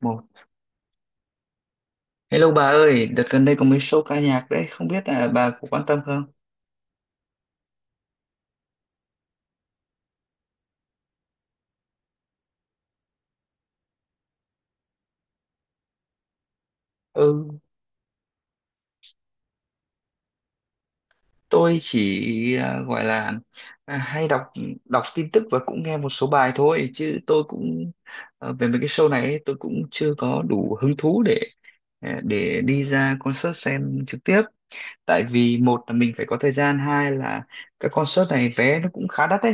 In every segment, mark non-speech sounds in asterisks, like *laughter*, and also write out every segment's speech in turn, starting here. một Hello bà ơi, đợt gần đây có mấy show ca nhạc đấy, không biết là bà có quan tâm không? ừ tôi chỉ gọi là hay đọc đọc tin tức và cũng nghe một số bài thôi, chứ tôi cũng về mấy cái show này ấy, tôi cũng chưa có đủ hứng thú để để đi ra concert xem trực tiếp. Tại vì một là mình phải có thời gian, hai là các concert này vé nó cũng khá đắt đấy.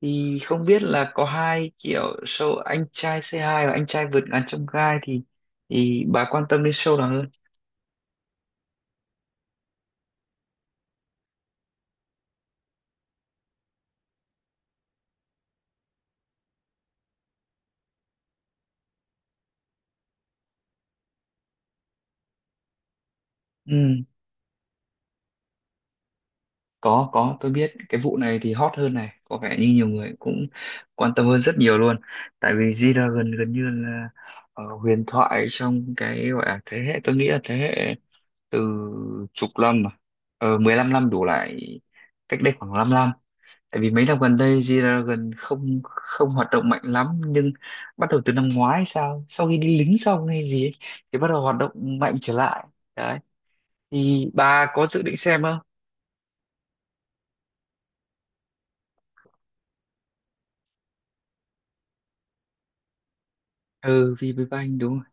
Thì không biết là có hai kiểu show anh trai C2 và anh trai vượt ngàn chông gai, thì bà quan tâm đến show nào hơn? Ừ, có tôi biết cái vụ này thì hot hơn này, có vẻ như nhiều người cũng quan tâm hơn rất nhiều luôn. Tại vì G-Dragon gần như là huyền thoại trong cái gọi là thế hệ, tôi nghĩ là thế hệ từ chục năm mà, 15 năm đủ lại, cách đây khoảng 5 năm. Tại vì mấy năm gần đây G-Dragon không không hoạt động mạnh lắm, nhưng bắt đầu từ năm ngoái sao, sau khi đi lính xong hay gì ấy, thì bắt đầu hoạt động mạnh trở lại. Đấy, thì bà có dự định xem không? Ừ, vì với ba anh, đúng rồi.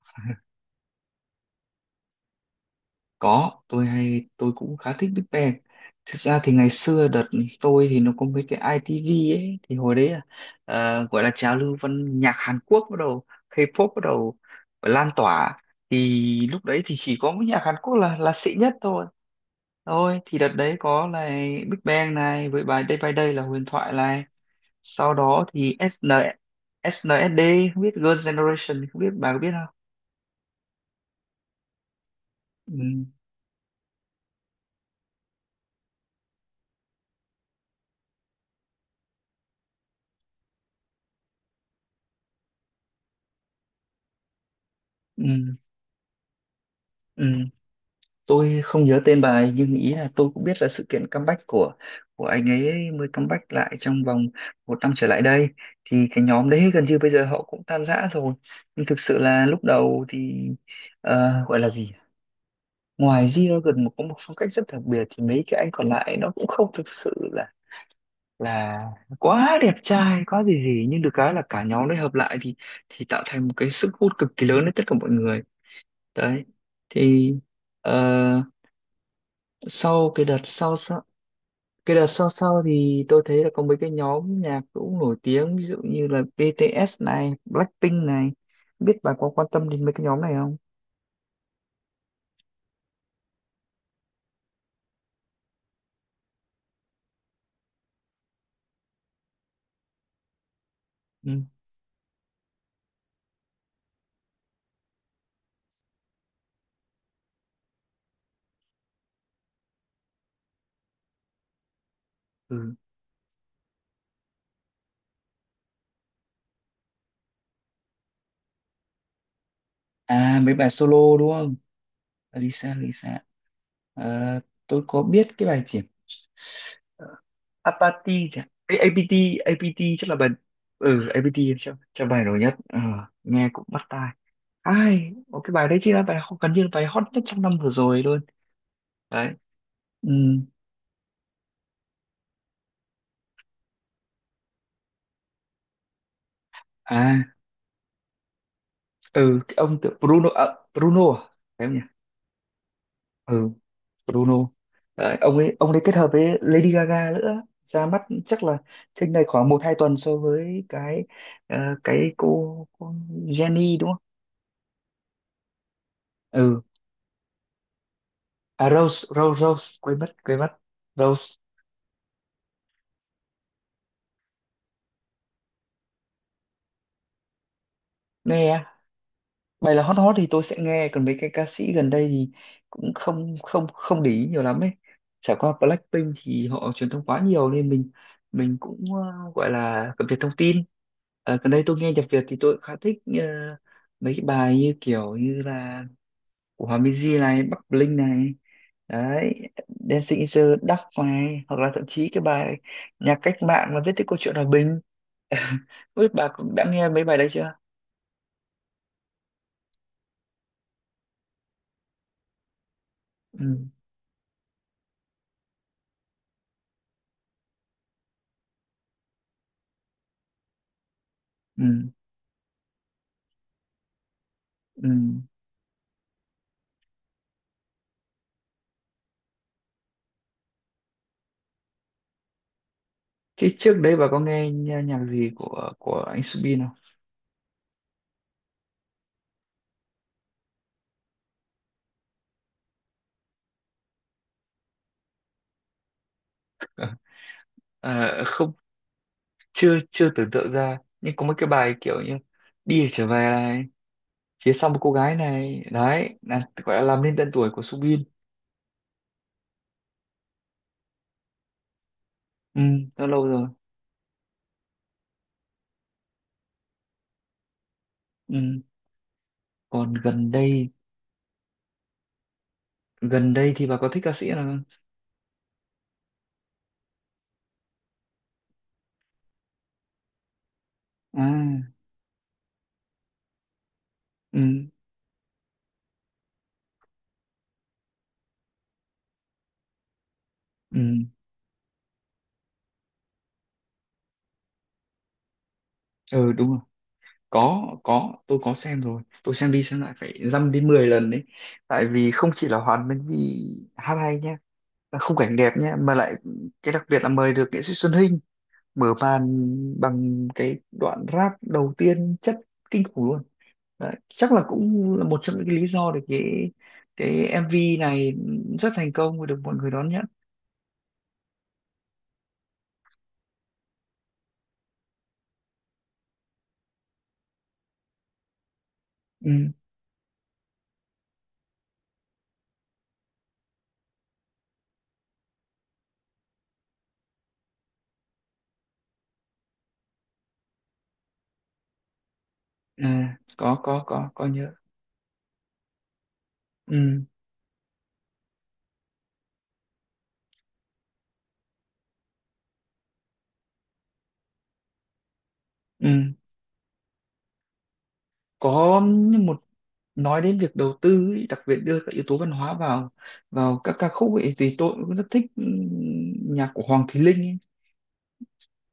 Ừ. Có, tôi cũng khá thích Big Bang. Thực ra thì ngày xưa đợt tôi thì nó có mấy cái ITV ấy, thì hồi đấy là gọi là trào lưu văn nhạc Hàn Quốc bắt đầu, K-pop bắt đầu lan tỏa. Thì lúc đấy thì chỉ có cái nhạc Hàn Quốc là xịn nhất thôi. Thôi thì đợt đấy có là Big Bang này, với bài Day by Day là huyền thoại này. Sau đó thì SNSD, không biết Girls' Generation, không biết bà có biết không? Ừ, ừ, ừ. Tôi không nhớ tên bài, nhưng ý là tôi cũng biết là sự kiện comeback của anh ấy, mới comeback lại trong vòng một năm trở lại đây. Thì cái nhóm đấy gần như bây giờ họ cũng tan rã rồi, nhưng thực sự là lúc đầu thì gọi là gì, ngoài Zero gần một có một phong cách rất đặc biệt, thì mấy cái anh còn lại nó cũng không thực sự là là quá đẹp trai quá gì gì, nhưng được cái là cả nhóm đấy hợp lại thì tạo thành một cái sức hút cực kỳ lớn đến tất cả mọi người. Đấy, thì ờ, sau cái đợt sau cái đợt sau sau thì tôi thấy là có mấy cái nhóm nhạc cũng nổi tiếng, ví dụ như là BTS này, Blackpink này, biết bà có quan tâm đến mấy cái nhóm này không? Ừ. Ừ. À, mấy bài solo đúng không? Lisa, Lisa. Ờ, tôi có biết cái bài gì, Apathy chả, Ê, APT APT chắc là bài, ừ, APT chắc bài nổi nhất. Ờ, nghe cũng bắt tai, ai, một cái bài đấy chỉ là bài gần như là bài hot nhất trong năm vừa rồi luôn. Đấy. Ừ. À, ừ, cái ông Bruno à, Bruno à? phải không nhỉ? Ừ, Bruno. Đấy, ông ấy kết hợp với Lady Gaga nữa, ra mắt chắc là trên này khoảng một hai tuần so với cái, ờ, cô Jenny đúng không? Ừ. À, Rose Rose Rose, quên mất Rose. Nè, bài là hot hot thì tôi sẽ nghe, còn mấy cái ca sĩ gần đây thì cũng không không không để ý nhiều lắm ấy. Trải qua Blackpink thì họ truyền thông quá nhiều nên mình cũng gọi là cập nhật thông tin. Ờ, gần đây tôi nghe nhạc Việt thì tôi cũng khá thích mấy cái bài như kiểu như là của Hòa Minzy này, Bắc Bling này. Đấy, Dancing in the Dark này, hoặc là thậm chí cái bài nhạc cách mạng mà Viết Tiếp Câu Chuyện Hòa Bình. *laughs* Không biết bà cũng đã nghe mấy bài đấy chưa? Ừ, ừ, ừ. Thế trước đấy bà có nghe nhạc gì của anh Subin không? *laughs* Ờ, không, chưa chưa tưởng tượng ra. Nhưng có mấy cái bài kiểu như Đi Trở Về này, Phía Sau Một Cô Gái này, đấy, là gọi là làm nên tên tuổi của Subin. Ừ, đã lâu rồi. Ừ. Còn gần đây, thì bà có thích ca sĩ nào không? À, ừ, ừ, ừ đúng rồi. Có, tôi có xem rồi. Tôi xem đi xem lại phải dăm đến 10 lần đấy. Tại vì không chỉ là Hoàn Minh Di hát hay nhá, và khung cảnh đẹp nhé, mà lại cái đặc biệt là mời được nghệ sĩ Xuân Hinh mở màn bằng cái đoạn rap đầu tiên chất kinh khủng luôn. Đấy, chắc là cũng là một trong những cái lý do để cái MV này rất thành công và được mọi người đón nhận. Ừ. À, có nhớ. Ừ. Ừ. có một Nói đến việc đầu tư ấy, đặc biệt đưa các yếu tố văn hóa vào vào các ca khúc ấy, thì tôi cũng rất thích nhạc của Hoàng Thùy Linh ấy.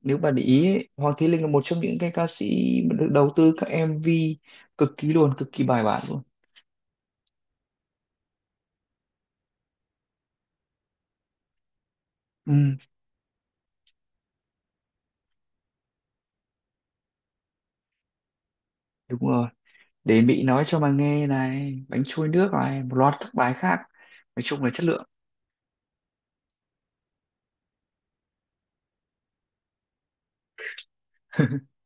Nếu bạn để ý ấy, Hoàng Thùy Linh là một trong những cái ca sĩ mà được đầu tư các MV cực kỳ luôn, cực kỳ bài bản luôn. Ừ đúng rồi, Để Mỹ nói Cho Mà Nghe này, Bánh Trôi Nước này, một loạt các bài khác, nói chung là chất lượng. *laughs*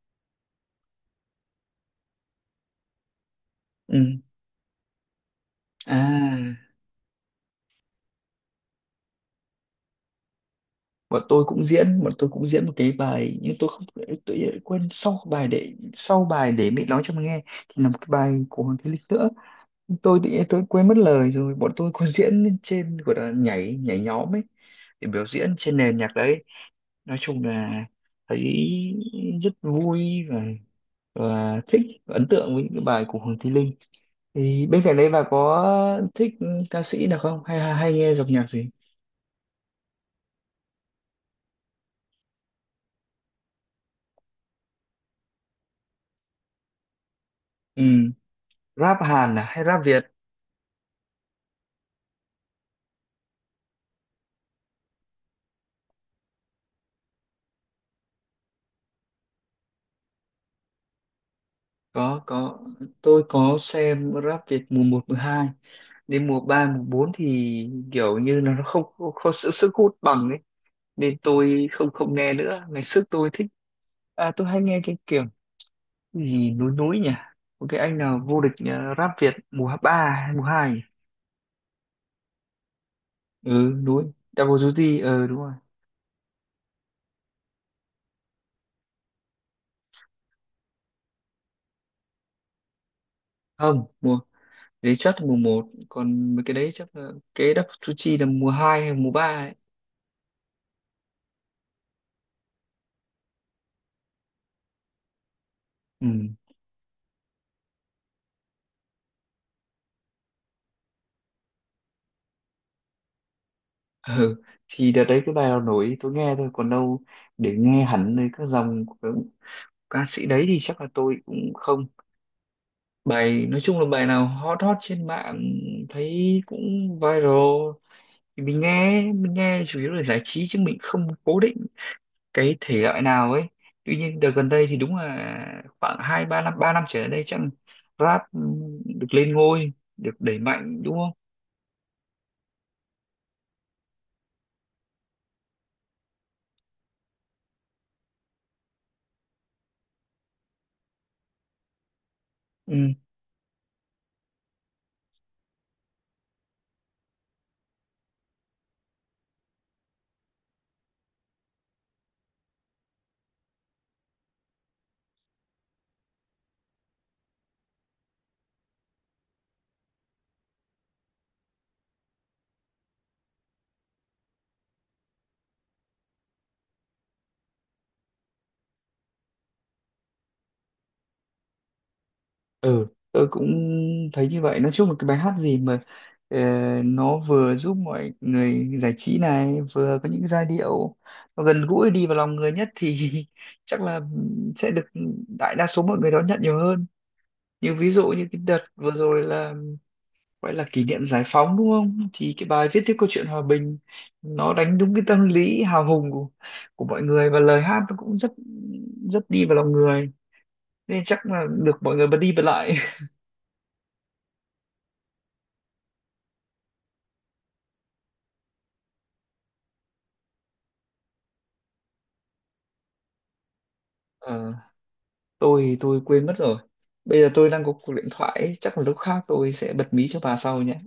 Ừ, à bọn tôi cũng diễn một cái bài, nhưng tôi không tôi quên, sau bài để sau bài Để Mỹ Nói Cho Mà Nghe thì là một cái bài của Hoàng Thùy Linh nữa. Tôi thì tôi quên mất lời rồi, bọn tôi còn *laughs* diễn lên trên, gọi là nhảy nhảy nhóm ấy, để biểu diễn trên nền nhạc đấy. Nói chung là thấy rất vui, và thích và ấn tượng với những cái bài của Hoàng Thùy Linh. Thì bên cạnh đấy bà có thích ca sĩ nào không, hay hay nghe dòng nhạc gì? Ừ. Rap Hàn à hay rap Việt? Có, tôi có xem rap Việt mùa một mùa hai, đến mùa 3 mùa 4 thì kiểu như là nó không không, không sự sức hút bằng ấy, nên tôi không không nghe nữa. Ngày trước tôi thích, tôi hay nghe cái kiểu, cái gì núi núi nhỉ, có cái anh nào vô địch rap Việt mùa 3 hay mùa 2? Ừ, núi Double Duty, đúng rồi. Không, mùa giấy chất mùa một, còn mấy cái đấy chắc là cái Double Duty là mùa 2 hay mùa 3 ấy. Ừ. Ừ. Thì đợt đấy cái bài nào nổi tôi nghe thôi, còn đâu để nghe hẳn nơi các dòng của các ca sĩ đấy thì chắc là tôi cũng không. Bài nói chung là bài nào hot hot trên mạng, thấy cũng viral, thì mình nghe chủ yếu là giải trí, chứ mình không cố định cái thể loại nào ấy. Tuy nhiên đợt gần đây thì đúng là khoảng hai ba năm, ba năm trở lại đây chắc, rap được lên ngôi, được đẩy mạnh, đúng không? Ừ. Ừ, tôi cũng thấy như vậy. Nói chung là cái bài hát gì mà ờ, nó vừa giúp mọi người giải trí này, vừa có những giai điệu nó gần gũi đi vào lòng người nhất thì *laughs* chắc là sẽ được đại đa số mọi người đón nhận nhiều hơn. Ví dụ như cái đợt vừa rồi là gọi là kỷ niệm giải phóng đúng không, thì cái bài Viết Tiếp Câu Chuyện Hòa Bình nó đánh đúng cái tâm lý hào hùng của mọi người, và lời hát nó cũng rất rất đi vào lòng người, nên chắc là được mọi người bật đi bật lại. *laughs* Ờ, tôi quên mất rồi, bây giờ tôi đang có cuộc điện thoại ấy, chắc là lúc khác tôi sẽ bật mí cho bà sau nhé.